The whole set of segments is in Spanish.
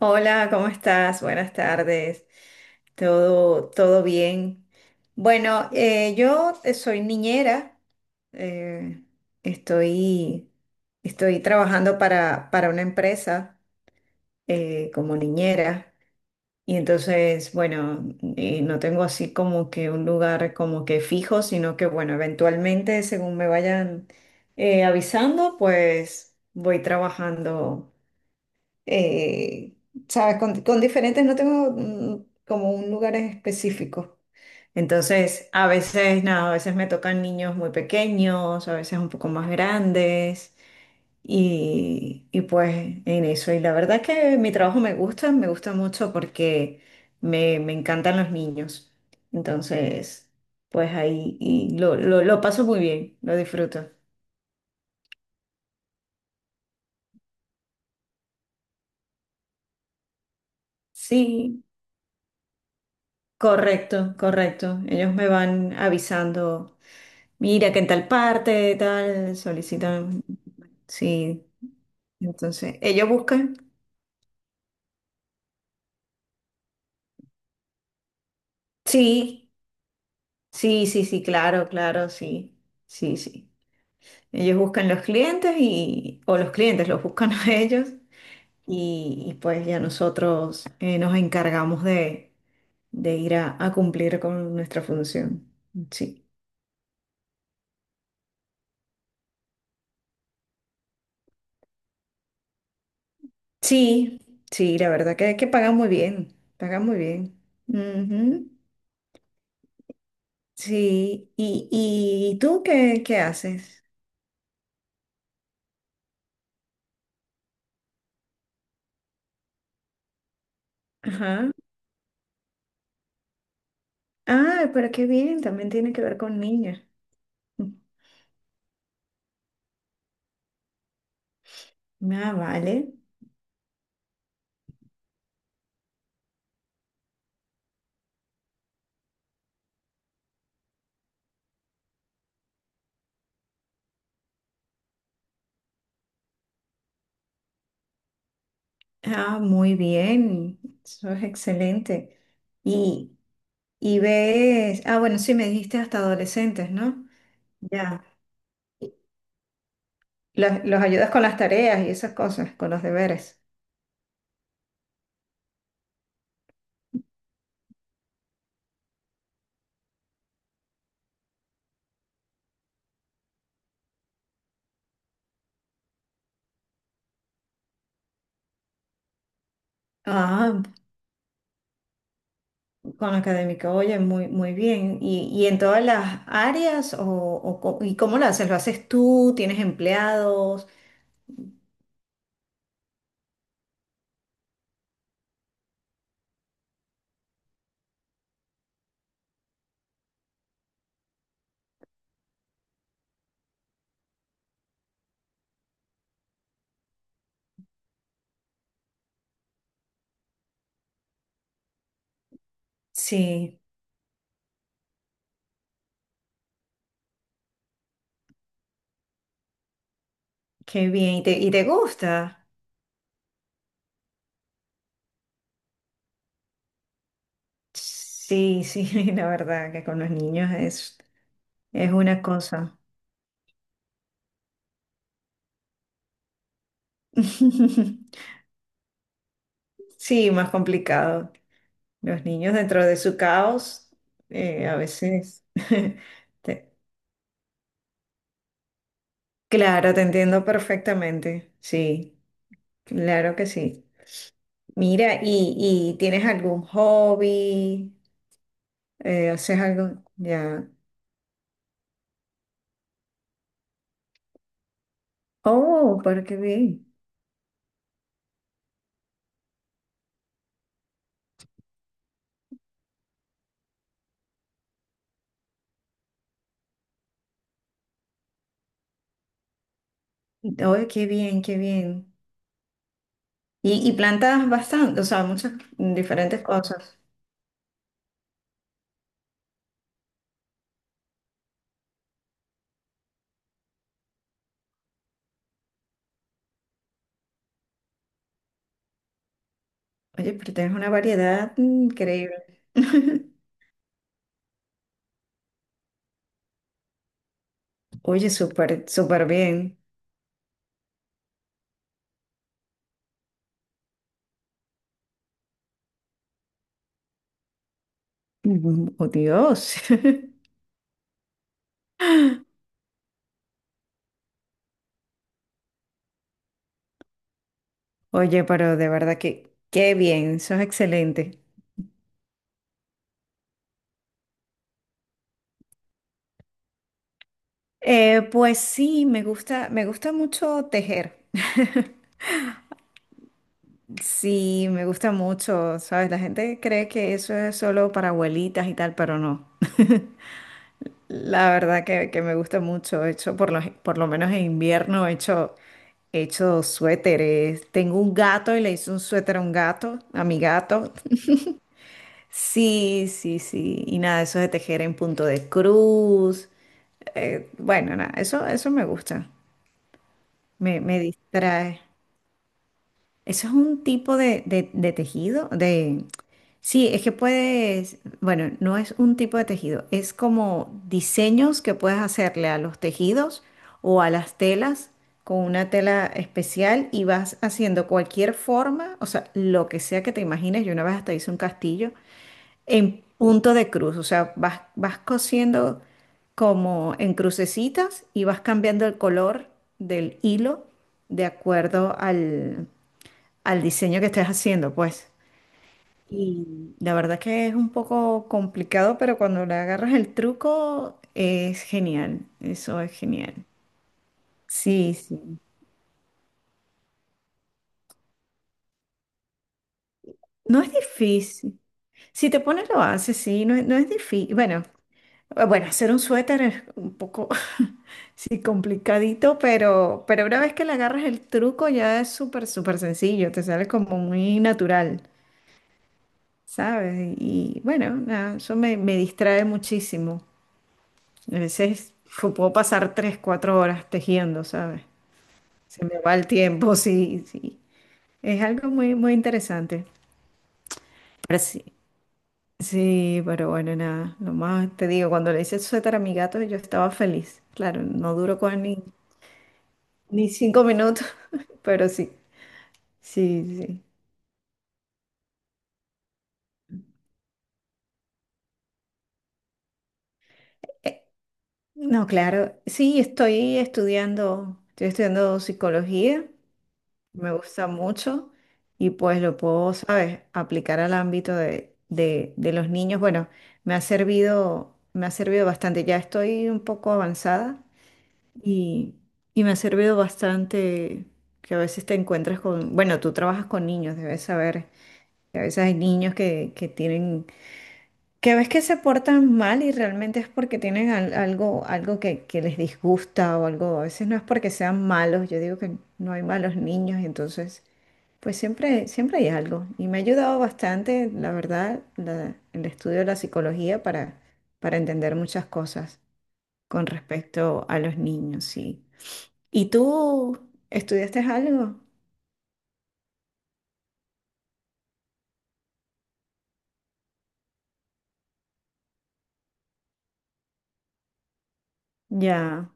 Hola, ¿cómo estás? Buenas tardes. ¿Todo bien? Bueno, yo soy niñera. eh, estoy, estoy trabajando para una empresa como niñera. Y entonces, bueno, no tengo así como que un lugar como que fijo, sino que, bueno, eventualmente, según me vayan avisando, pues voy trabajando eh, ¿sabes? Con diferentes no tengo como un lugar específico. Entonces, a veces, nada, a veces me tocan niños muy pequeños, a veces un poco más grandes. Y pues en eso, y la verdad es que mi trabajo me gusta mucho porque me encantan los niños. Entonces, pues ahí y lo paso muy bien, lo disfruto. Sí, correcto, correcto. Ellos me van avisando mira que en tal parte, tal, solicitan. Sí, entonces, ellos buscan. Sí, sí, sí, sí, claro, claro, sí, sí, sí. Ellos buscan los clientes y, o los clientes los buscan a ellos y pues ya nosotros nos encargamos de ir a cumplir con nuestra función. Sí, sí, sí, la verdad que pagan muy bien, pagan muy bien. Ujú. Sí, y tú qué, qué haces? Ajá. Ah, pero qué bien, también tiene que ver con niños. Ah, vale. Ah, muy bien, eso es excelente. Y, y ves, ah, bueno, sí, me dijiste hasta adolescentes, ¿no? Ya. Los ayudas con las tareas y esas cosas, con los deberes. Ah, con académica, oye, muy, muy bien. Y en todas las áreas o co- y cómo lo haces? ¿Lo haces tú? ¿Tienes empleados? Sí. Qué bien, y te gusta? Sí, sí, la verdad que con los niños es una cosa. Sí, más complicado. Los niños dentro de su caos, a veces. te- claro, te entiendo perfectamente. Sí, claro que sí. Mira, y tienes algún hobby? ¿Haces algo? Ya. Oh, pero qué bien. Oh, qué bien, qué bien. Y plantas bastante, o sea, muchas diferentes cosas. Oye, pero tienes una variedad increíble. Oye, súper, súper bien. Mm, oh, Dios. Oye, pero de verdad que qué bien, sos excelente. Pues sí, me gusta mucho tejer. Sí, me gusta mucho, ¿sabes? La gente cree que eso es solo para abuelitas y tal, pero no. La verdad que me gusta mucho. He hecho, por lo menos en invierno, he hecho suéteres. Tengo un gato y le hice un suéter a un gato, a mi gato. Sí, sí, sí. Y nada, eso de tejer en punto de cruz. Bueno, nada, eso me gusta. Me distrae. Eso es un tipo de, de tejido, de... Sí, es que puedes, bueno, no es un tipo de tejido, es como diseños que puedes hacerle a los tejidos o a las telas con una tela especial y vas haciendo cualquier forma, o sea, lo que sea que te imagines. Yo una vez hasta hice un castillo en punto de cruz, o sea, vas cosiendo como en crucecitas y vas cambiando el color del hilo de acuerdo al diseño que estés haciendo, pues. La verdad que es un poco complicado, pero cuando le agarras el truco es genial. Eso es genial. Sí, sí. No es difícil. Si te pones lo haces, sí, no es difícil. Bueno, bueno, hacer un suéter es un poco, sí, complicadito, pero una vez que le agarras el truco ya es súper, súper sencillo. Te sale como muy natural, ¿sabes? Y bueno, nada, eso me distrae muchísimo. A veces puedo pasar 3, 4 horas tejiendo, ¿sabes? Se me va el tiempo, sí, sí. Es algo muy, muy interesante. Pero sí, sí, pero bueno, nada. Lo más te digo, cuando le hice el suéter a mi gato, yo estaba feliz. Claro, no duró con ni, ni 5 minutos, pero sí, sí, sí. Eh, no, claro, sí, estoy estudiando psicología me gusta mucho y pues lo puedo, ¿sabes?, aplicar al ámbito de, de los niños. Bueno, me ha servido bastante. Ya estoy un poco avanzada y, y me ha servido bastante que a veces te encuentras con, bueno, tú trabajas con niños, debes saber que a veces hay niños que tienen, que ves que se portan mal y realmente es porque tienen algo, algo que les disgusta o algo, a veces no es porque sean malos, yo digo que no hay malos niños, entonces... Pues siempre, siempre hay algo y me ha ayudado bastante, la verdad, el estudio de la psicología para entender muchas cosas con respecto a los niños, sí. ¿Y tú estudiaste algo? Ya.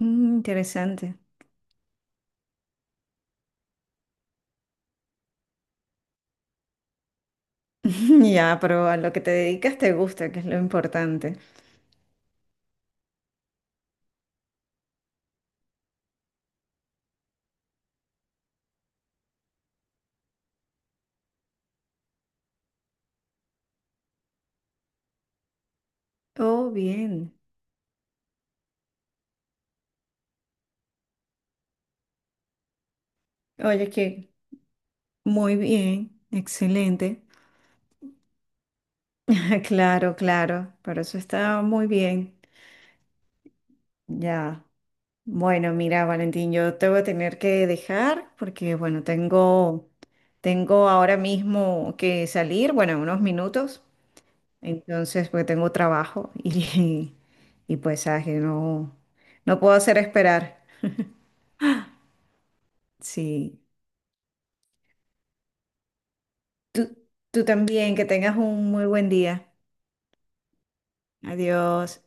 Mm, interesante. Ya, pero a lo que te dedicas te gusta, que es lo importante. Oh, bien. Oye, que muy bien, excelente. Claro, claro, pero eso está muy bien. Ya. Bueno, mira, Valentín, yo te voy a tener que dejar porque, bueno, tengo, tengo ahora mismo que salir, bueno, en unos minutos, entonces, porque tengo trabajo y, y pues, sabes que no, no puedo hacer esperar. Sí. Tú, tú también, que tengas un muy buen día. Adiós.